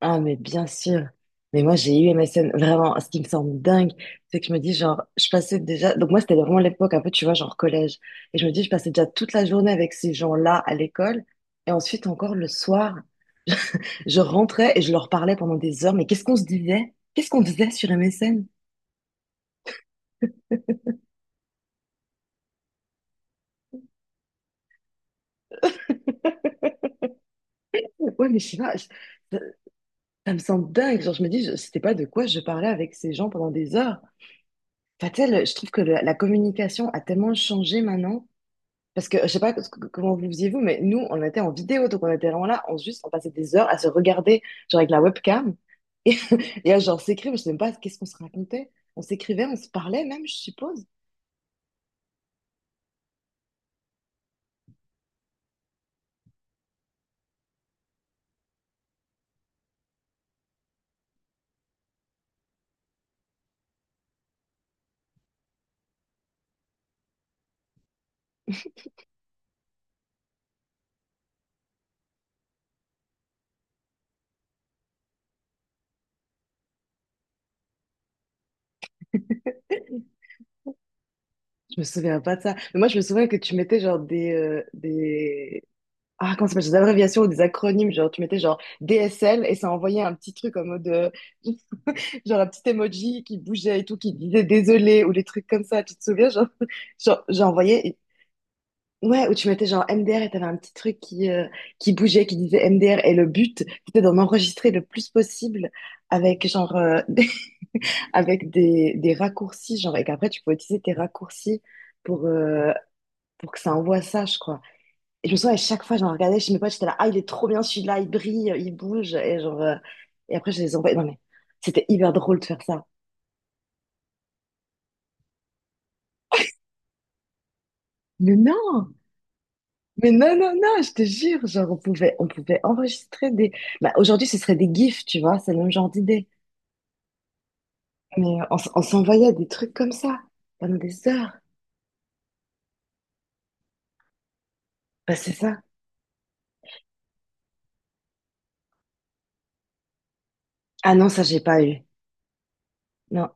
Ah, mais bien sûr. Mais moi, j'ai eu MSN. Vraiment, ce qui me semble dingue, c'est que je me dis, genre, je passais déjà. Donc, moi, c'était vraiment l'époque, un peu, tu vois, genre collège. Et je me dis, je passais déjà toute la journée avec ces gens-là à l'école. Et ensuite, encore le soir, je rentrais et je leur parlais pendant des heures. Mais qu'est-ce qu'on se disait? Qu'est-ce qu'on faisait sur MSN? Ouais, mais je sais pas. Ça, ça me semble dingue. Genre, je me dis, je c'était pas de quoi je parlais avec ces gens pendant des heures. Enfin, tu sais, je trouve que la communication a tellement changé maintenant. Parce que je sais pas comment vous faisiez vous, mais nous, on était en vidéo, donc on était vraiment là, on juste, on passait des heures à se regarder, genre avec la webcam, et, et à genre s'écrire, mais je sais même pas qu'est-ce qu'on se racontait. On s'écrivait, on se parlait même, je suppose. Je me souviens pas de ça. Mais moi, je me souviens que tu mettais genre Ah, comment ça s'appelle, des abréviations ou des acronymes, genre tu mettais genre DSL et ça envoyait un petit truc en mode, genre un petit emoji qui bougeait et tout, qui disait désolé ou des trucs comme ça, tu te souviens, genre, genre j'ai envoyé. Ouais, où tu mettais genre MDR et t'avais un petit truc qui bougeait, qui disait MDR. Et le but, c'était d'en enregistrer le plus possible avec genre avec des raccourcis, genre, et qu'après tu pouvais utiliser tes raccourcis pour, euh, pour que ça envoie ça, je crois. Et je me souviens, à chaque fois, j'en regardais chez mes potes, j'étais là, ah, il est trop bien celui-là, il brille, il bouge. Et genre, et après, je les envoyais. Non, mais c'était hyper drôle de faire ça. Mais non, mais non, non, non, je te jure, genre, on pouvait enregistrer des. Bah, aujourd'hui, ce serait des GIFs, tu vois, c'est le même genre d'idée. Mais on s'envoyait des trucs comme ça pendant des heures. Bah, c'est ça. Ah non, ça, j'ai pas eu. Non.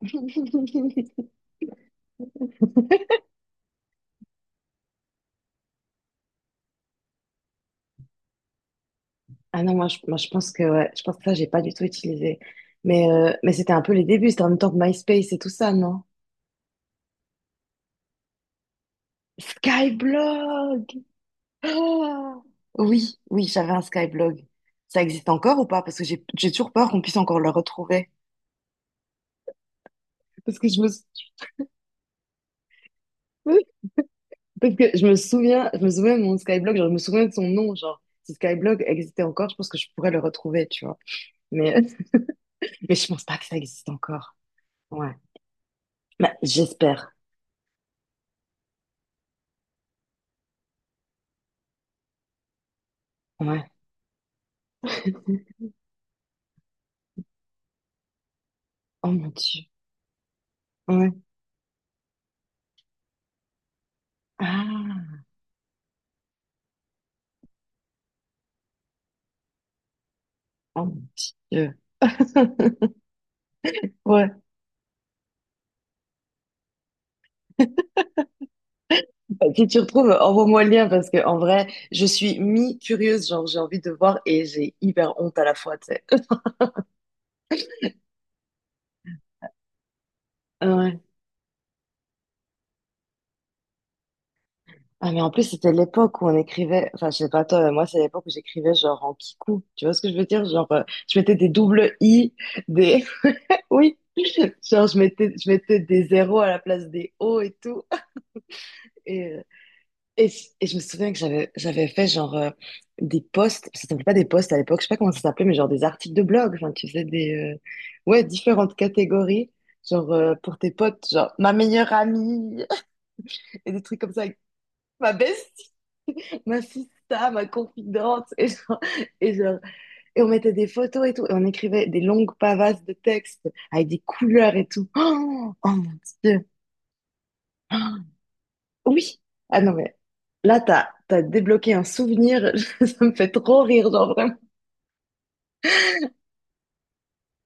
Ah non, moi, je pense que, ouais, je pense que ça, j'ai pas du tout utilisé. Mais c'était un peu les débuts. C'était en même temps que MySpace et tout ça, non? Skyblog! Ah oui, oui, j'avais un Skyblog. Ça existe encore ou pas? Parce que j'ai toujours peur qu'on puisse encore le retrouver. Parce que je me... sou- Parce que je me souviens de mon Skyblog, genre, je me souviens de son nom, genre, si Skyblog existait encore, je pense que je pourrais le retrouver, tu vois. Mais, mais je pense pas que ça existe encore. Ouais. Bah, j'espère. Ouais. Oh mon Dieu. Ouais. Ah, oh mon Dieu. Ouais. Bah, si tu retrouves, envoie-moi le lien parce que, en vrai, je suis mi-curieuse, genre, j'ai envie de voir et j'ai hyper honte à la fois, tu sais. Ah, mais en plus, c'était l'époque où on écrivait, enfin, je sais pas toi, mais moi, c'est l'époque où j'écrivais genre en kikou. Tu vois ce que je veux dire? Genre, je mettais des doubles i, des, oui, genre, je mettais des zéros à la place des o et tout. Et, euh, et, et je me souviens que j'avais fait genre des posts, ça s'appelait pas des posts à l'époque, je sais pas comment ça s'appelait, mais genre des articles de blog. Enfin, tu faisais ouais, différentes catégories, genre pour tes potes, genre ma meilleure amie, et des trucs comme ça, avec ma bestie. Ma sista, ma confidente. Et, genre- et on mettait des photos et tout. Et on écrivait des longues pavasses de textes avec des couleurs et tout. Oh, oh mon Dieu. Oh, oui. Ah non, mais là, t'as débloqué un souvenir. Ça me fait trop rire, genre vraiment.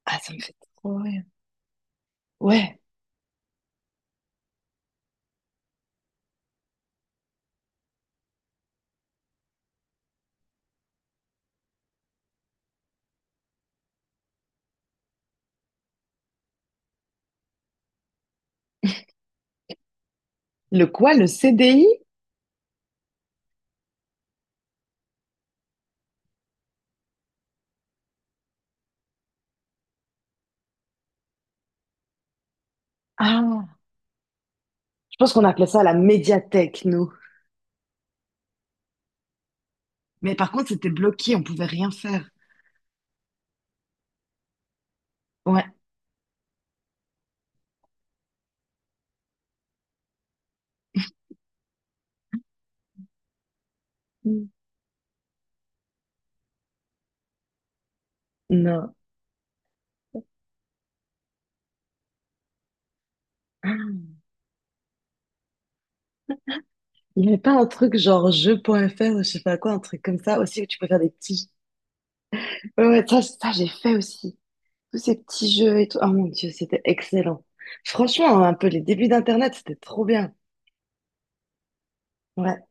Ah, ça me fait trop rire. Ouais. Le quoi, le CDI? Ah, je pense qu'on appelait ça la médiathèque, nous. Mais par contre, c'était bloqué, on pouvait rien faire. Ouais. Mm. Non. Il n'y avait pas un truc genre jeu point jeu.fr ou je sais pas quoi, un truc comme ça aussi où tu peux faire des petits. Ouais, ouais, ça j'ai fait aussi. Tous ces petits jeux et tout. Oh mon Dieu, c'était excellent. Franchement, un peu les débuts d'Internet, c'était trop bien. Ouais.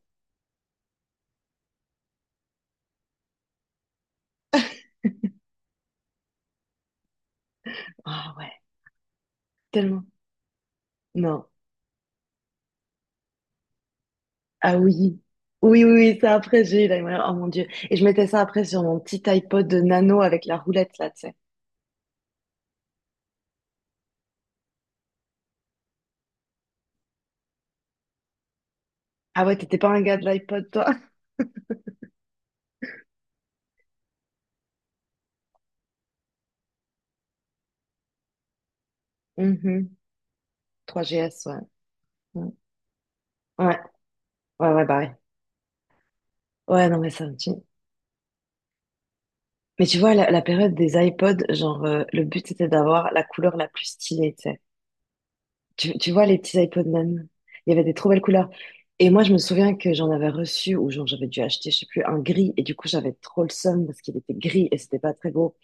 Ah ouais, tellement. Non. Ah oui. Oui, oui, oui, ça après, j'ai eu la mémoire. Oh mon Dieu. Et je mettais ça après sur mon petit iPod de nano avec la roulette là, tu sais. Ah ouais, t'étais pas un gars de l'iPod, toi? Mhm. 3GS, ouais. Ouais, ouais, ouais, ouais, bah ouais. Ouais, non, mais ça me tue. Mais tu vois, la période des iPods, genre, le but c'était d'avoir la couleur la plus stylée, tu sais. Tu vois, les petits iPods même. Il y avait des trop belles couleurs. Et moi, je me souviens que j'en avais reçu, ou genre, j'avais dû acheter, je sais plus, un gris. Et du coup, j'avais trop le seum parce qu'il était gris et c'était pas très beau.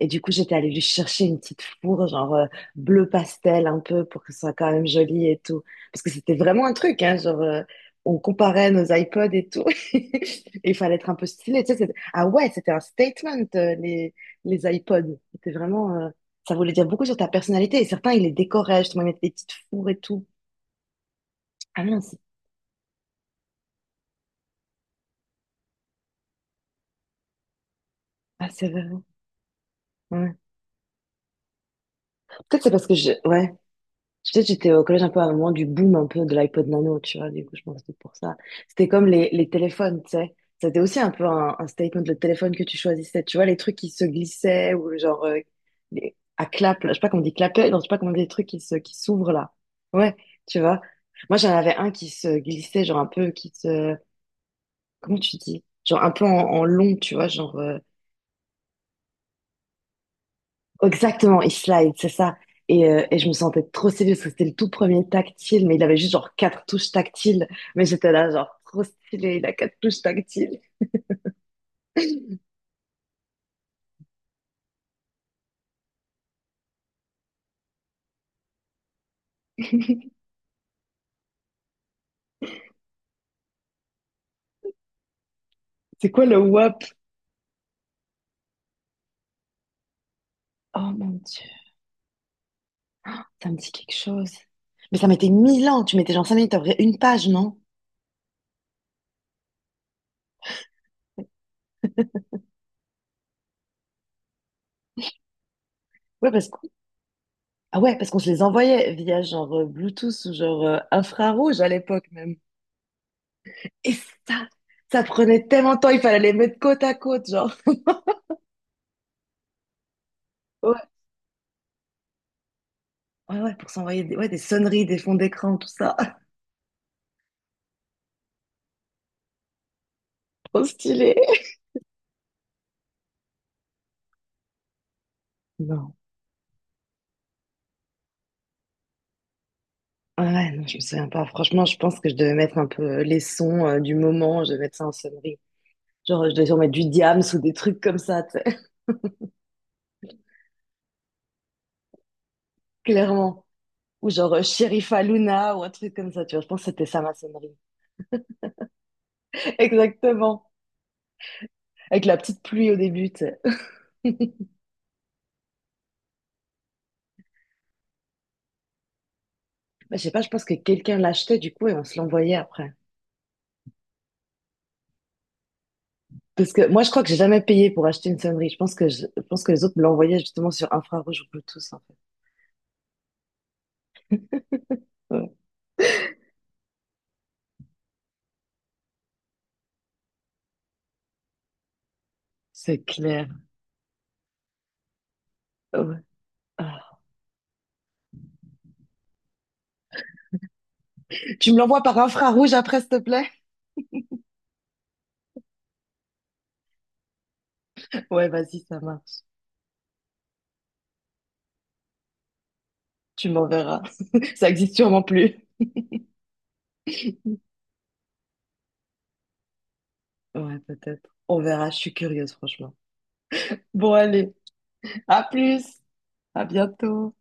Et du coup, j'étais allée lui chercher une petite fourre, genre bleu pastel un peu, pour que ce soit quand même joli et tout. Parce que c'était vraiment un truc, hein, genre on comparait nos iPods et tout. Et il fallait être un peu stylé. Tu sais, ah ouais, c'était un statement, les iPods. C'était vraiment. Ça voulait dire beaucoup sur ta personnalité. Et certains, ils les décoraient, justement, ils mettaient des petites fourres et tout. Ah non, c'est... Ah, c'est vrai. Ouais. Peut-être c'est parce que je... Ouais. Je sais, j'étais au collège un peu à un moment du boom un peu de l'iPod Nano, tu vois, du coup, je pense que c'était pour ça. C'était comme les téléphones, tu sais. C'était aussi un peu un statement, le téléphone que tu choisissais, tu vois, les trucs qui se glissaient ou genre à clap, là, je sais pas comment on dit clapet, non, je sais pas comment on dit les trucs qui s'ouvrent là. Ouais, tu vois. Moi, j'en avais un qui se glissait, genre un peu, comment tu dis? Genre un peu en, long, tu vois, genre. Exactement, il slide, c'est ça. Et je me sentais trop stylée parce que c'était le tout premier tactile, mais il avait juste genre 4 touches tactiles. Mais j'étais là, genre trop stylé, il a 4 touches tactiles. C'est quoi le WAP? Oh mon Dieu, ça me dit quelque chose. Mais ça mettait 1000 ans, tu mettais genre 5 minutes, t'ouvrais une page, non? Ouais, parce que... Ah ouais, parce qu'on se les envoyait via genre Bluetooth ou genre infrarouge à l'époque même. Et ça, ça prenait tellement de temps, il fallait les mettre côte à côte, genre. Ouais, ouais, ouais, pour s'envoyer ouais, des sonneries, des fonds d'écran, tout ça. Trop stylé. Non. Ah ouais, non, je me souviens pas. Franchement, je pense que je devais mettre un peu les sons du moment, je devais mettre ça en sonnerie. Genre, je devais sûrement mettre du Diams ou des trucs comme ça, tu sais, clairement. Ou genre Sherifa Luna ou un truc comme ça, tu vois. Je pense que c'était ça ma sonnerie. Exactement. Avec la petite pluie au début, tu sais. Bah, je sais pas, je pense que quelqu'un l'achetait du coup et on se l'envoyait après. Parce que moi, je crois que j'ai jamais payé pour acheter une sonnerie. Je pense que les autres me l'envoyaient justement sur infrarouge ou Bluetooth, en fait. Ouais, c'est clair. Ouais. Ah. Tu me l'envoies par infrarouge après, s'il te plaît? Ouais, vas-y, ça marche. Tu m'enverras. Ça existe sûrement plus. Ouais, peut-être. On verra, je suis curieuse, franchement. Bon, allez, à plus. À bientôt.